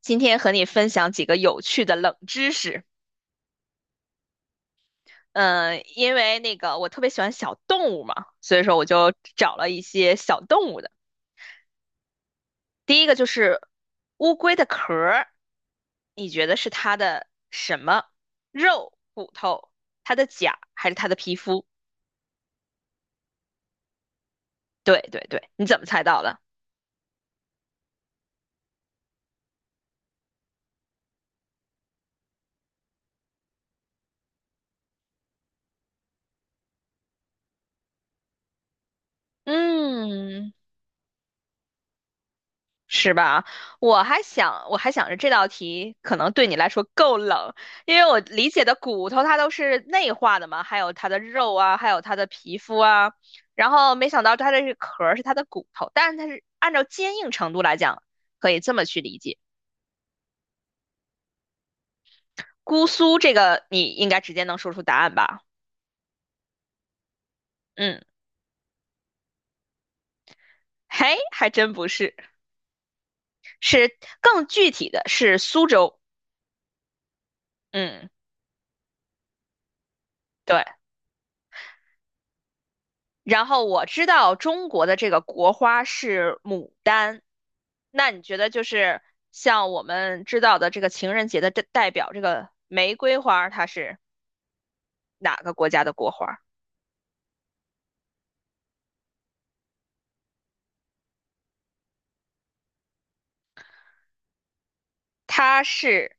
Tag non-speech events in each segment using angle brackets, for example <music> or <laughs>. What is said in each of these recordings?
今天和你分享几个有趣的冷知识。嗯，因为那个我特别喜欢小动物嘛，所以说我就找了一些小动物的。第一个就是乌龟的壳儿，你觉得是它的什么？肉、骨头、它的甲还是它的皮肤？对对对，你怎么猜到的？嗯，是吧？我还想着这道题可能对你来说够冷，因为我理解的骨头它都是内化的嘛，还有它的肉啊，还有它的皮肤啊，然后没想到它这个壳儿是它的骨头，但是它是按照坚硬程度来讲，可以这么去理解。姑苏这个你应该直接能说出答案吧？嗯，嘿，还真不是，是更具体的是苏州。嗯，对。然后我知道中国的这个国花是牡丹，那你觉得就是像我们知道的这个情人节的代表这个玫瑰花，它是哪个国家的国花？它是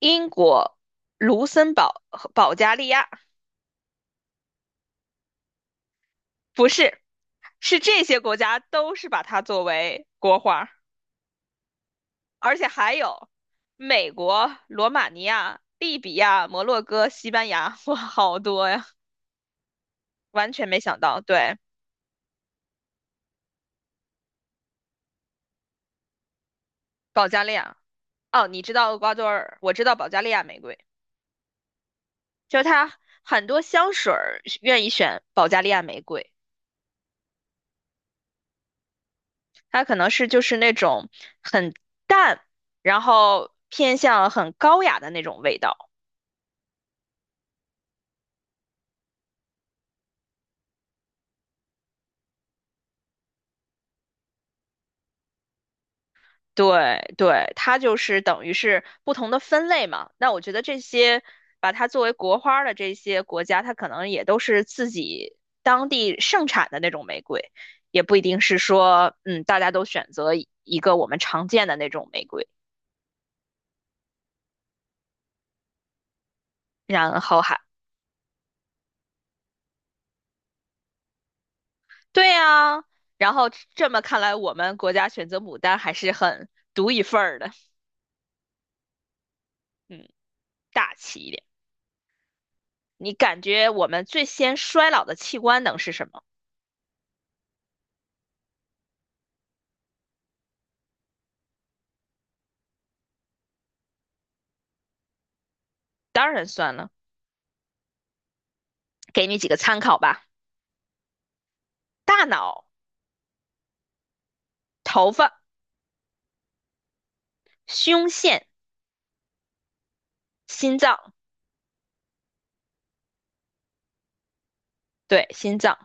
英国、卢森堡和保加利亚，不是，是这些国家都是把它作为国花，而且还有美国、罗马尼亚、利比亚、摩洛哥、西班牙，哇，好多呀，完全没想到，对。保加利亚，哦，你知道厄瓜多尔，我知道保加利亚玫瑰，就是它很多香水儿愿意选保加利亚玫瑰，它可能是就是那种很淡，然后偏向很高雅的那种味道。对对，它就是等于是不同的分类嘛。那我觉得这些把它作为国花儿的这些国家，它可能也都是自己当地盛产的那种玫瑰，也不一定是说，嗯，大家都选择一个我们常见的那种玫瑰，然后还对呀，然后这么看来，我们国家选择牡丹还是很独一份儿的，嗯，大气一点。你感觉我们最先衰老的器官能是什么？当然算了，给你几个参考吧。大脑、头发、胸腺、心脏，对，心脏。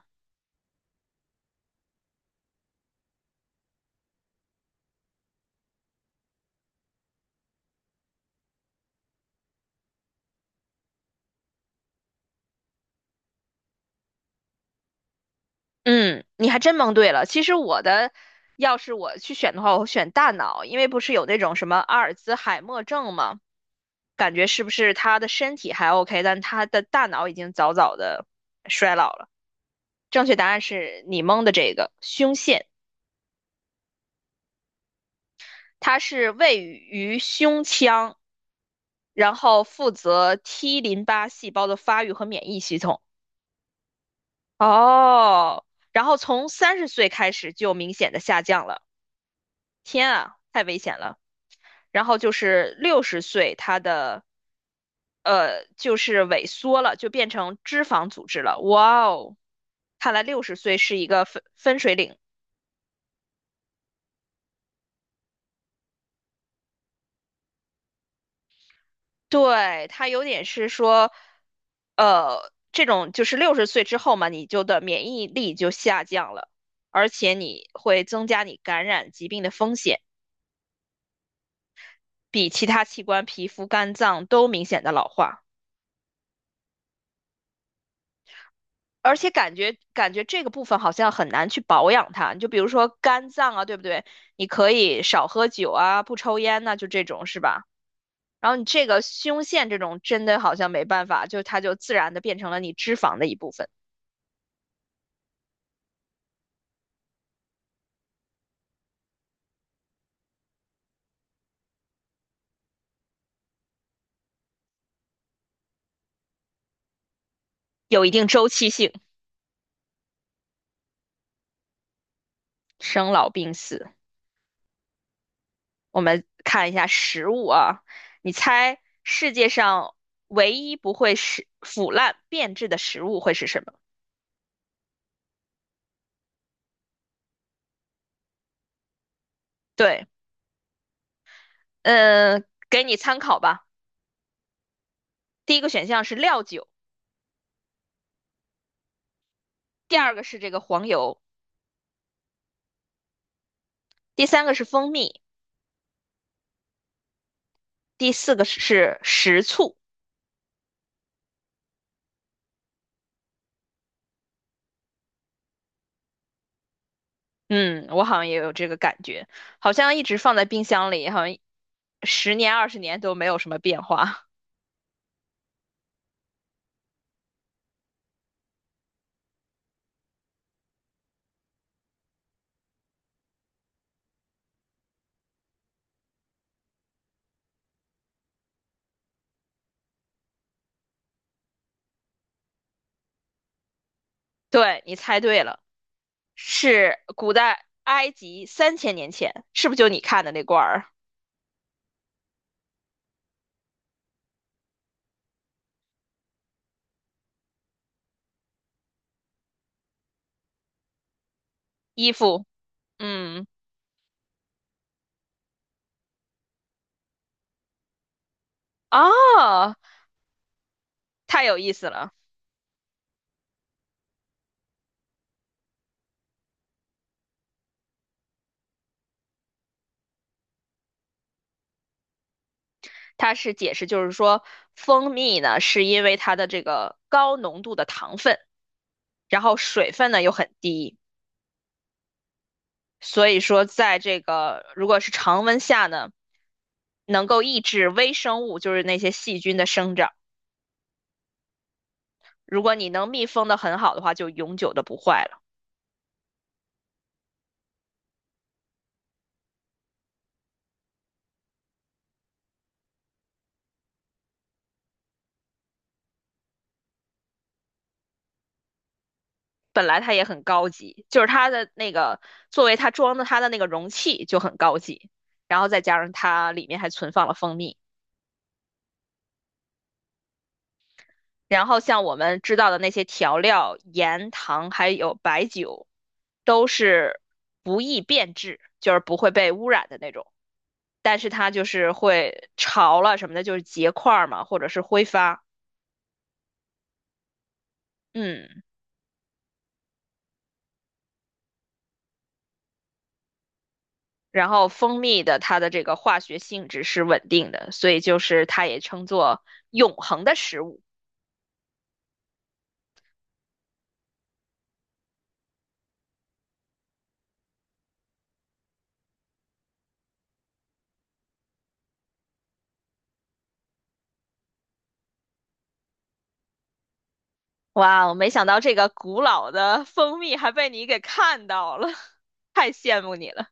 嗯，你还真蒙对了。其实我的，要是我去选的话，我会选大脑，因为不是有那种什么阿尔兹海默症吗？感觉是不是他的身体还 OK,但他的大脑已经早早的衰老了。正确答案是你蒙的这个胸腺，它是位于胸腔，然后负责 T 淋巴细胞的发育和免疫系统。哦，然后从30岁开始就明显的下降了，天啊，太危险了。然后就是六十岁，它的就是萎缩了，就变成脂肪组织了。哇哦，看来六十岁是一个分水岭。对，它有点是说，这种就是六十岁之后嘛，你就的免疫力就下降了，而且你会增加你感染疾病的风险。比其他器官、皮肤、肝脏都明显的老化，而且感觉这个部分好像很难去保养它。你就比如说肝脏啊，对不对？你可以少喝酒啊，不抽烟呐、就这种是吧？然后你这个胸腺这种真的好像没办法，就它就自然的变成了你脂肪的一部分，有一定周期性，生老病死。我们看一下食物啊，你猜世界上唯一不会是腐烂变质的食物会是什么？对。嗯，给你参考吧。第一个选项是料酒，第二个是这个黄油，第三个是蜂蜜，第四个是食醋。嗯，我好像也有这个感觉，好像一直放在冰箱里，好像十年20年都没有什么变化。<laughs> 对，你猜对了，是古代埃及3000年前，是不是就你看的那罐儿衣服？嗯，哦，太有意思了。它是解释就是说，蜂蜜呢是因为它的这个高浓度的糖分，然后水分呢又很低，所以说在这个如果是常温下呢，能够抑制微生物，就是那些细菌的生长。如果你能密封的很好的话，就永久的不坏了。本来它也很高级，就是它的那个作为它装的它的那个容器就很高级，然后再加上它里面还存放了蜂蜜。然后像我们知道的那些调料、盐、糖还有白酒，都是不易变质，就是不会被污染的那种。但是它就是会潮了什么的，就是结块儿嘛，或者是挥发。嗯，然后蜂蜜的它的这个化学性质是稳定的，所以就是它也称作永恒的食物。哇，我没想到这个古老的蜂蜜还被你给看到了，<laughs> 太羡慕你了，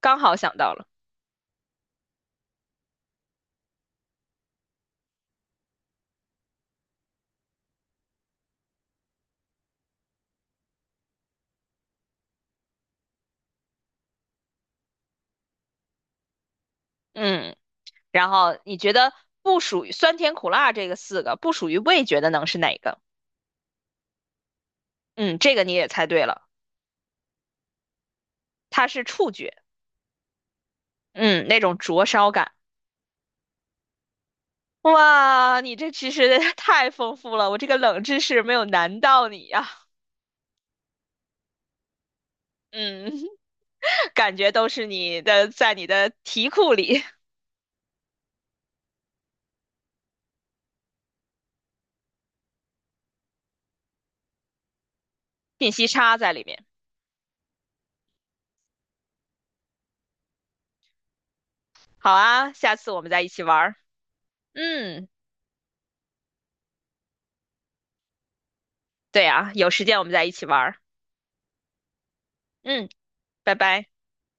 刚好想到了。嗯。然后你觉得不属于酸甜苦辣这个四个不属于味觉的能是哪个？嗯，这个你也猜对了，它是触觉，嗯，那种灼烧感。哇，你这知识 <laughs> 太丰富了，我这个冷知识没有难到你呀、嗯，<laughs> 感觉都是你的在你的题库里信息差在里面。好啊，下次我们再一起玩儿。嗯，对啊，有时间我们再一起玩儿。嗯，拜拜。